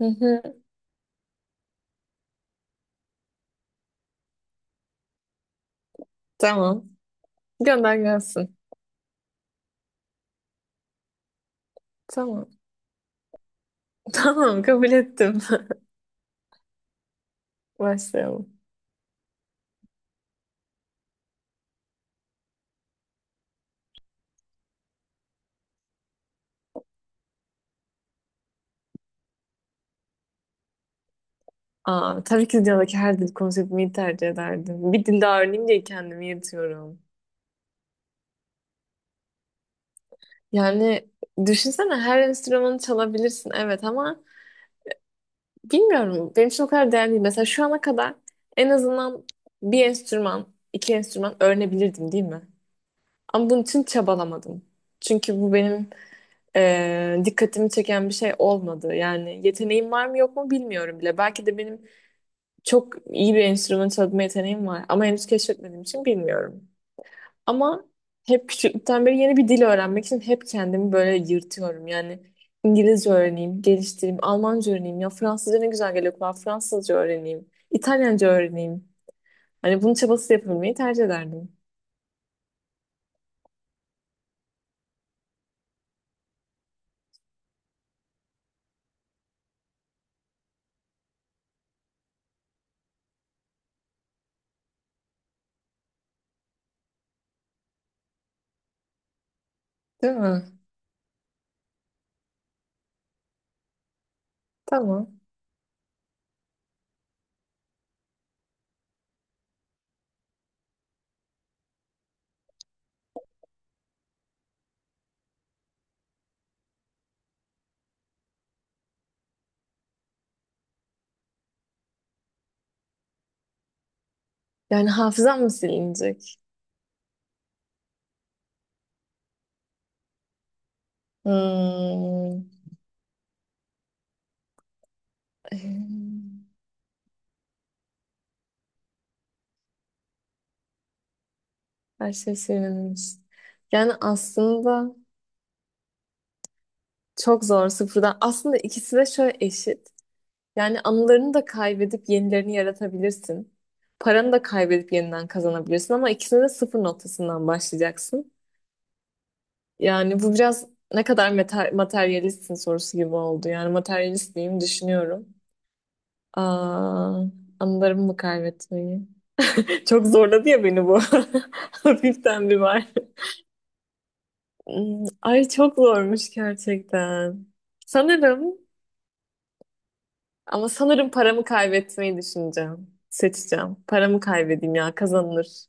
Hı hı. Tamam. Gönder gelsin. Tamam. Tamam kabul ettim. Başlayalım. Aa, tabii ki dünyadaki her dil konseptimi tercih ederdim. Bir dilde öğreneyim diye kendimi yırtıyorum. Yani düşünsene her enstrümanı çalabilirsin evet ama bilmiyorum benim için o kadar değerli değil. Mesela şu ana kadar en azından bir enstrüman, iki enstrüman öğrenebilirdim değil mi? Ama bunun için çabalamadım. Çünkü bu benim dikkatimi çeken bir şey olmadı. Yani yeteneğim var mı yok mu bilmiyorum bile. Belki de benim çok iyi bir enstrüman çalma yeteneğim var ama henüz keşfetmediğim için bilmiyorum. Ama hep küçüklükten beri yeni bir dil öğrenmek için hep kendimi böyle yırtıyorum. Yani İngilizce öğreneyim, geliştireyim, Almanca öğreneyim, ya Fransızca ne güzel geliyor kulağa, Fransızca öğreneyim, İtalyanca öğreneyim. Hani bunun çabası yapabilmeyi tercih ederdim. Değil mi? Tamam. Yani hafızam mı silinecek? Hmm. Her şey silinmiş. Yani aslında çok zor sıfırdan. Aslında ikisi de şöyle eşit. Yani anılarını da kaybedip yenilerini yaratabilirsin. Paranı da kaybedip yeniden kazanabilirsin ama ikisine de sıfır noktasından başlayacaksın. Yani bu biraz ne kadar materyalistsin sorusu gibi oldu. Yani materyalist miyim düşünüyorum. Aa, anılarımı mı kaybetmeyi? Çok zorladı ya beni bu. Hafiften bir var. Hmm, ay çok zormuş gerçekten. Sanırım sanırım paramı kaybetmeyi düşüneceğim. Seçeceğim. Paramı kaybedeyim ya kazanılır.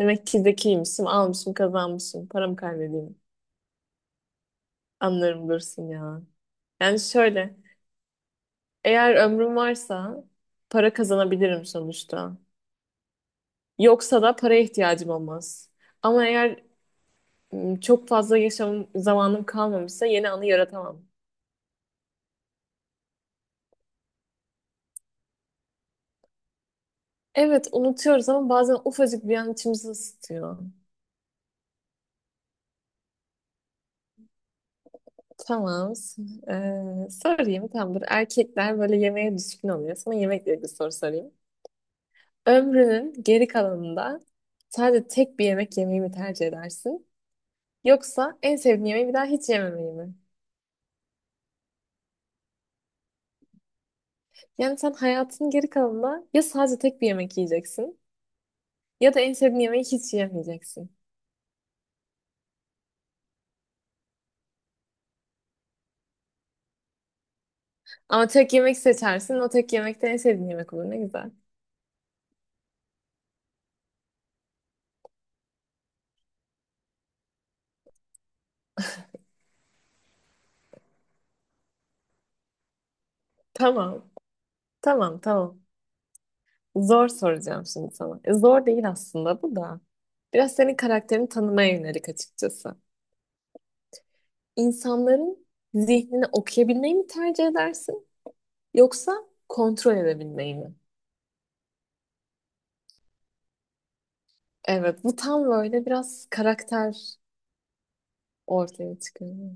Demek ki zekiymişim, almışım, kazanmışım. Param kaybedeyim. Anlarım dursun ya. Yani şöyle, eğer ömrüm varsa para kazanabilirim sonuçta. Yoksa da paraya ihtiyacım olmaz. Ama eğer çok fazla yaşam zamanım kalmamışsa yeni anı yaratamam. Evet, unutuyoruz ama bazen ufacık bir an içimizi ısıtıyor. Tamam. Sorayım. Tamam, dur. Erkekler böyle yemeğe düşkün oluyor. Sana yemekle ilgili soru sorayım. Ömrünün geri kalanında sadece tek bir yemek yemeyi mi tercih edersin? Yoksa en sevdiğin yemeği bir daha hiç yememeyi mi? Yani sen hayatının geri kalanında ya sadece tek bir yemek yiyeceksin ya da en sevdiğin yemeği hiç yemeyeceksin. Ama tek yemek seçersin. O tek yemek de en sevdiğin yemek olur. Ne güzel. Tamam. Tamam, tamam. Zor soracağım şimdi sana. Zor değil aslında bu da. Biraz senin karakterini tanımaya yönelik açıkçası. İnsanların zihnini okuyabilmeyi mi tercih edersin? Yoksa kontrol edebilmeyi mi? Evet, bu tam böyle biraz karakter ortaya çıkıyor.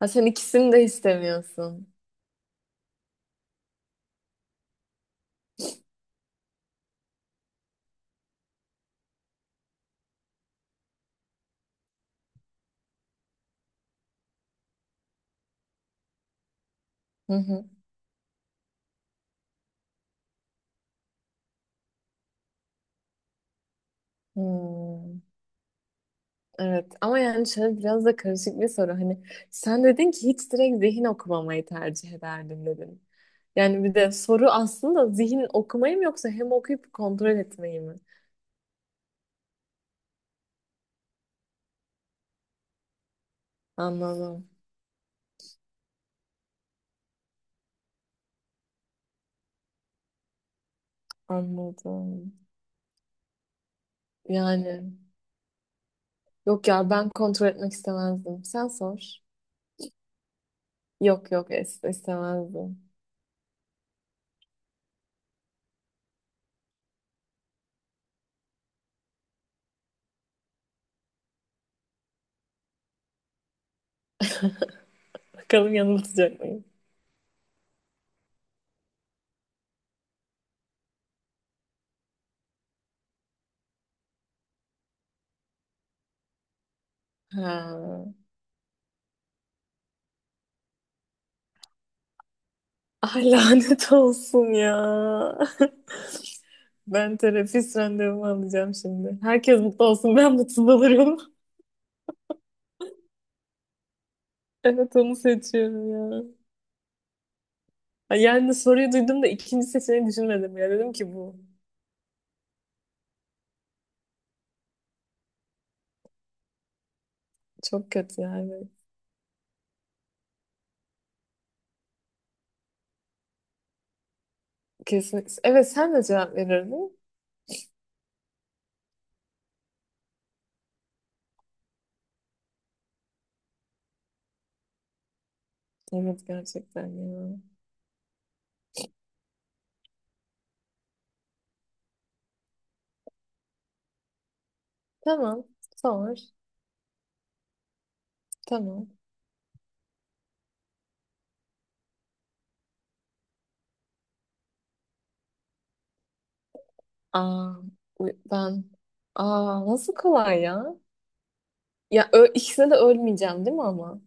Ha, sen ikisini de istemiyorsun. Hı hı. Hmm, evet ama yani şöyle biraz da karışık bir soru. Hani sen dedin ki hiç direkt zihin okumamayı tercih ederdim dedin. Yani bir de soru aslında zihin okumayı mı yoksa hem okuyup kontrol etmeyi mi? Anladım. Anladım. Yani yok ya ben kontrol etmek istemezdim. Sen sor. Yok yok istemezdim. Bakalım yanıltacak mıyım? Ha. Ay lanet olsun ya. Ben terapist randevumu alacağım şimdi. Herkes mutlu olsun ben mutsuz olurum. Evet onu seçiyorum ya. Ay, yani soruyu duydum da ikinci seçeneği düşünmedim ya. Dedim ki bu çok kötü yani. Kesin. Evet sen de cevap verirdin. Evet gerçekten ya. Tamam. Sor. Tamam. Aa, ben nasıl kolay ya? Ya ikisine de ölmeyeceğim değil mi ama?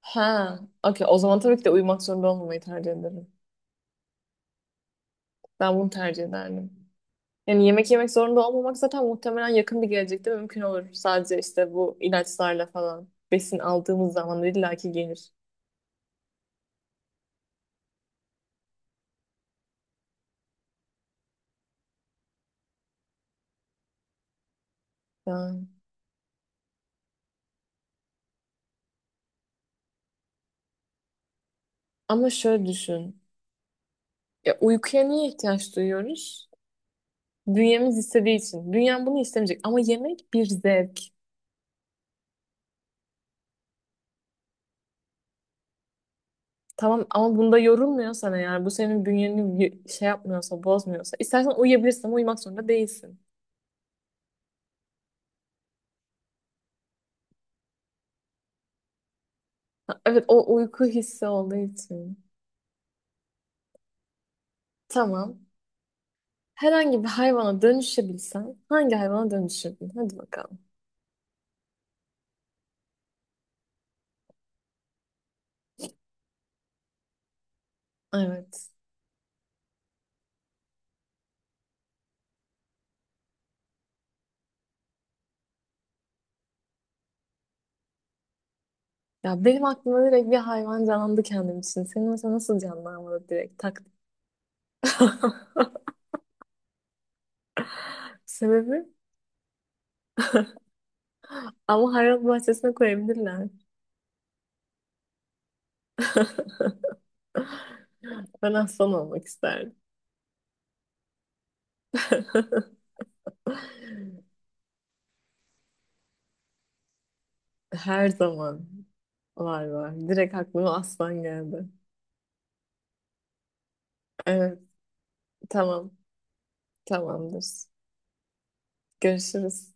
Ha, okey. O zaman tabii ki de uyumak zorunda olmamayı tercih ederim. Ben bunu tercih ederdim. Yani yemek yemek zorunda olmamak zaten muhtemelen yakın bir gelecekte mümkün olur. Sadece işte bu ilaçlarla falan besin aldığımız zaman illaki gelir. Ya. Ama şöyle düşün. Ya uykuya niye ihtiyaç duyuyoruz? Bünyemiz istediği için. Dünya bunu istemeyecek. Ama yemek bir zevk. Tamam ama bunda yorulmuyorsan eğer bu senin bünyeni şey yapmıyorsa bozmuyorsa istersen uyuyabilirsin ama uyumak zorunda değilsin. Ha, evet o uyku hissi olduğu için. Tamam. Herhangi bir hayvana dönüşebilsen hangi hayvana dönüşürdün? Hadi bakalım. Evet. Ya benim aklıma direkt bir hayvan canlandı kendim için. Senin mesela nasıl canlanmadı direkt tak. Sebebi? Ama hayvan bahçesine koyabilirler. Ben aslan olmak isterdim. Her zaman var var. Direkt aklıma aslan geldi. Evet, tamam, tamamdır. Görüşürüz.